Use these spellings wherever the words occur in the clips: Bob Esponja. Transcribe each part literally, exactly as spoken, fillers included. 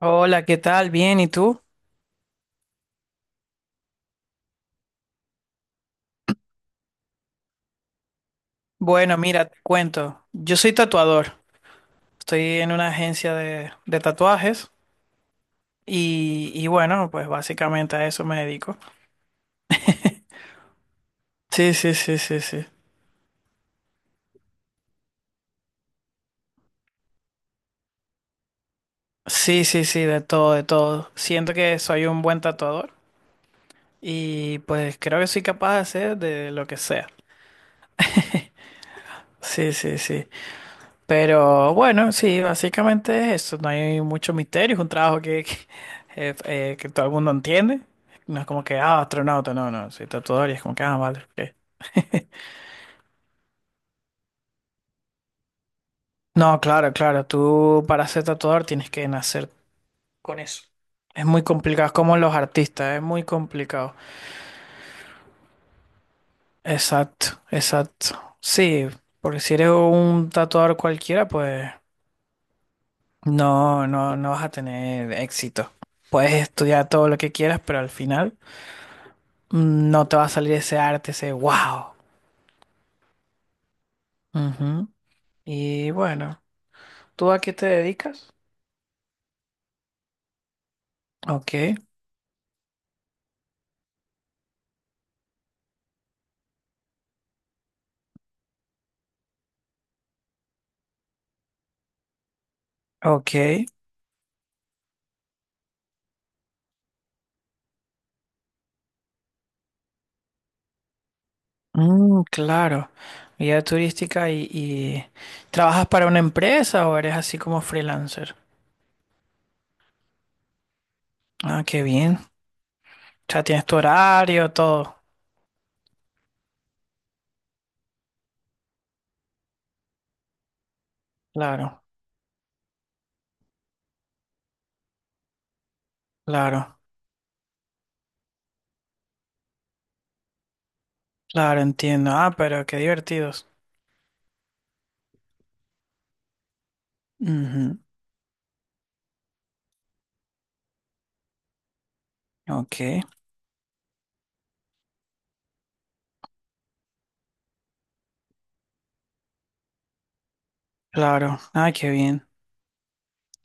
Hola, ¿qué tal? Bien, ¿y tú? Bueno, mira, te cuento. Yo soy tatuador. Estoy en una agencia de, de tatuajes y, y bueno, pues básicamente a eso me dedico. Sí, sí, sí, sí, sí. Sí, sí, sí, de todo, de todo. Siento que soy un buen tatuador y pues creo que soy capaz de hacer de lo que sea. Sí, sí, sí. Pero bueno, sí, básicamente es eso, no hay mucho misterio, es un trabajo que, que, eh, eh, que todo el mundo entiende. No es como que, ah, astronauta, no, no, soy tatuador y es como que, ah, vale. Ok. No, claro, claro, tú para ser tatuador tienes que nacer con eso. Es muy complicado, es como los artistas, es muy complicado. Exacto, exacto. Sí, porque si eres un tatuador cualquiera, pues no, no, no vas a tener éxito. Puedes estudiar todo lo que quieras, pero al final no te va a salir ese arte, ese wow. Ujú. Y bueno, ¿tú a qué te dedicas? Ok, ok. Mm, claro. Guía turística y, y ¿trabajas para una empresa o eres así como freelancer? Ah, qué bien. O sea, tienes tu horario, todo. Claro, claro, claro, entiendo. Ah, pero qué divertidos. Ujú, ok, claro. Ah, qué bien.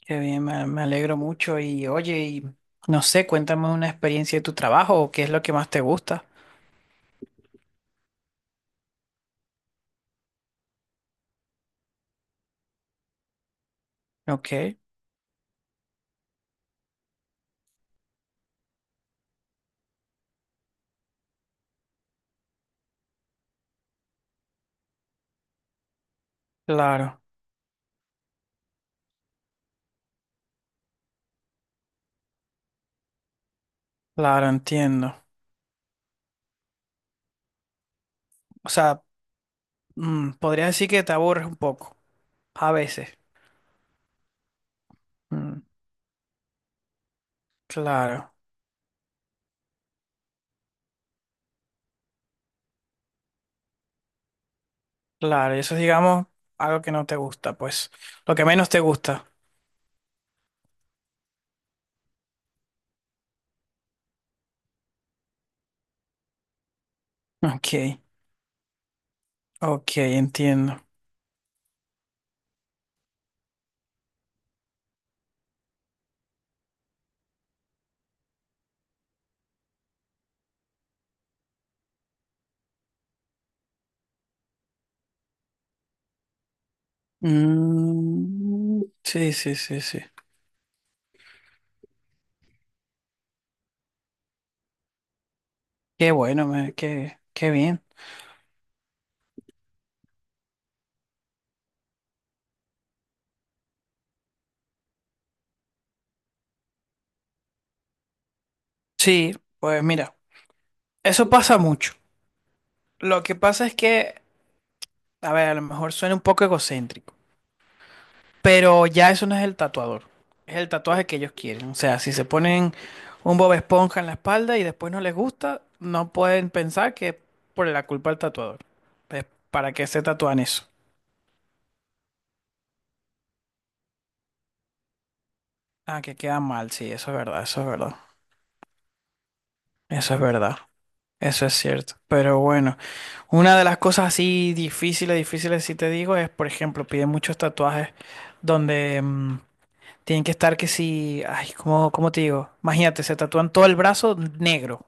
Qué bien, me, me alegro mucho y oye, y no sé, cuéntame una experiencia de tu trabajo o qué es lo que más te gusta. Ok, claro, claro, entiendo. O sea, mm, podría decir que te aburres un poco, a veces. Mm, claro, claro, eso es, digamos, algo que no te gusta, pues, lo que menos te gusta. Ok, ok, entiendo. Mm, sí, sí, sí, sí. Qué bueno, me- qué, qué bien. Sí, pues mira, eso pasa mucho. Lo que pasa es que, a ver, a lo mejor suena un poco egocéntrico, pero ya eso no es el tatuador, es el tatuaje que ellos quieren. O sea, si se ponen un Bob Esponja en la espalda y después no les gusta, no pueden pensar que es por la culpa del tatuador. Es para que se tatúan eso. Ah, que queda mal, sí, eso es verdad, eso es verdad, eso es verdad, eso es cierto. Pero bueno, una de las cosas así difíciles, difíciles, si te digo, es, por ejemplo, piden muchos tatuajes donde mm, tienen que estar que si, ay, ¿cómo, cómo te digo? Imagínate, se tatúan todo el brazo negro.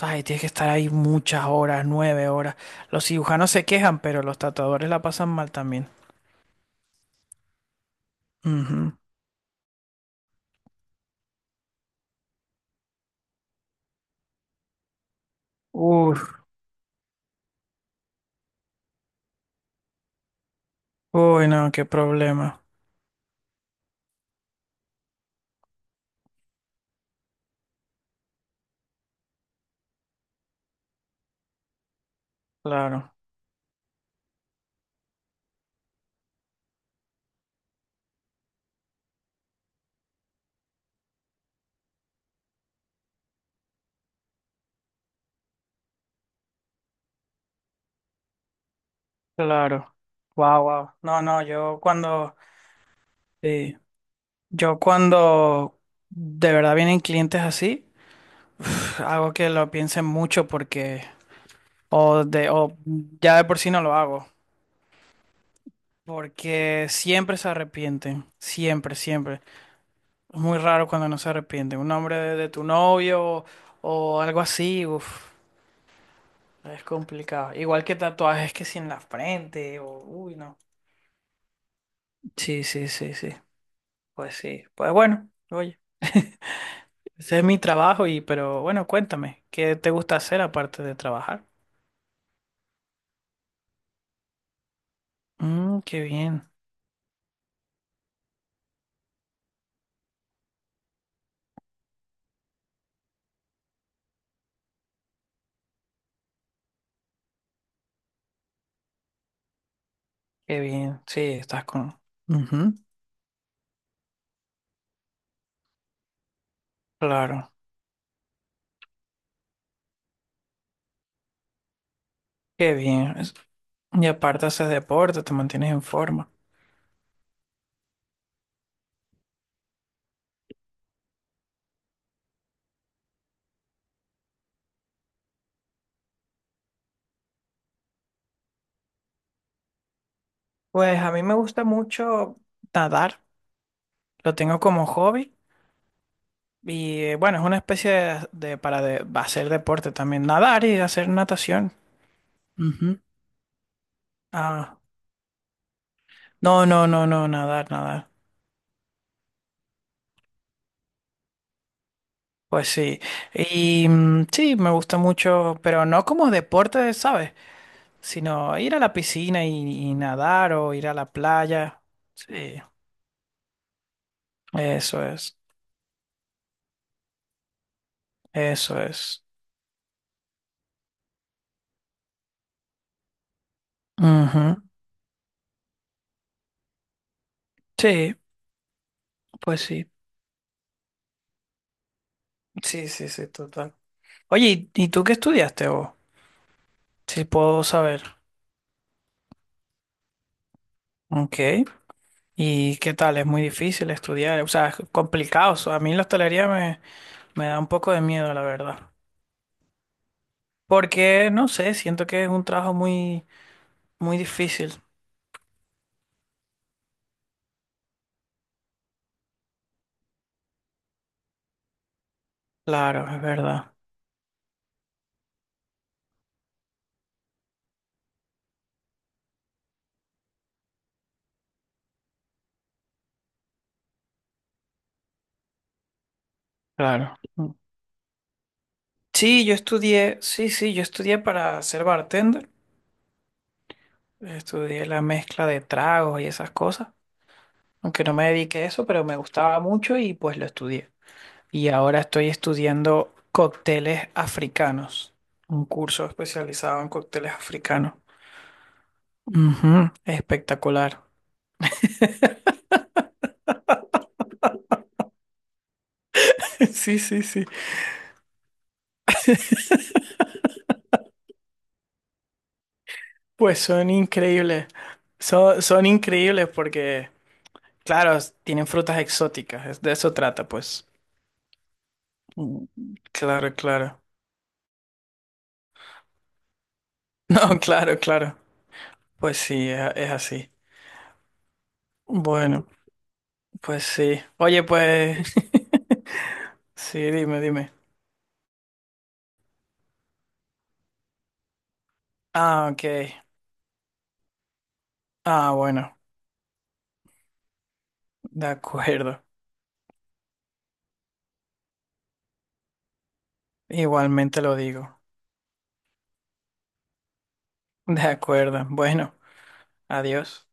Ay, tienes que estar ahí muchas horas, nueve horas. Los cirujanos se quejan, pero los tatuadores la pasan mal también. Ujú. Uf, uy, no, qué problema. Claro, claro. Wow, wow. No, no, yo cuando, sí, yo cuando de verdad vienen clientes así, pf, hago que lo piensen mucho porque, o de, o ya de por sí no lo hago. Porque siempre se arrepienten, siempre, siempre. Es muy raro cuando no se arrepienten. Un hombre de, de tu novio o algo así, uf, es complicado. Igual que tatuajes que si en la frente o, uy, no. Sí, sí, sí, sí. Pues sí. Pues bueno, oye, ese es mi trabajo y, pero bueno, cuéntame, ¿qué te gusta hacer aparte de trabajar? Mm, qué bien, qué bien. Sí, estás con... Ujú, claro, qué bien. Es- Y aparte haces deporte, te mantienes en forma. Pues a mí me gusta mucho nadar, lo tengo como hobby y eh, bueno, es una especie de, de- para de- hacer deporte también, nadar y hacer natación. Ujú. Ah, no, no, no, no, nadar, nadar. Pues sí, y mm, sí, me gusta mucho, pero no como deporte, ¿sabes? Sino ir a la piscina y, y nadar o ir a la playa. Sí, eso es, eso es. Ujú. Sí, pues sí. Sí, sí, sí, total. Oye, ¿y y tú qué estudiaste vos? Si puedo saber. Ok. ¿Y qué tal? Es muy difícil estudiar. O sea, es complicado. O sea, a mí la hostelería me, me da un poco de miedo, la verdad. Porque, no sé, siento que es un trabajo muy, muy difícil. Claro, es verdad. Claro. Mm. Sí, yo estudié, sí, sí, yo estudié para ser bartender. Estudié la mezcla de tragos y esas cosas. Aunque no me dediqué a eso, pero me gustaba mucho y pues lo estudié. Y ahora estoy estudiando cócteles africanos, un curso especializado en cócteles africanos. Ujú, espectacular. Sí, sí, sí. Pues son increíbles. Son, son increíbles porque, claro, tienen frutas exóticas. es- De eso trata, pues. Mm, claro, claro. No, claro, claro. Pues sí, es, es así. Bueno, pues sí. Oye, pues... Sí, dime, dime. Ah, ok. Ah, bueno. De acuerdo. Igualmente lo digo. De acuerdo. Bueno, adiós.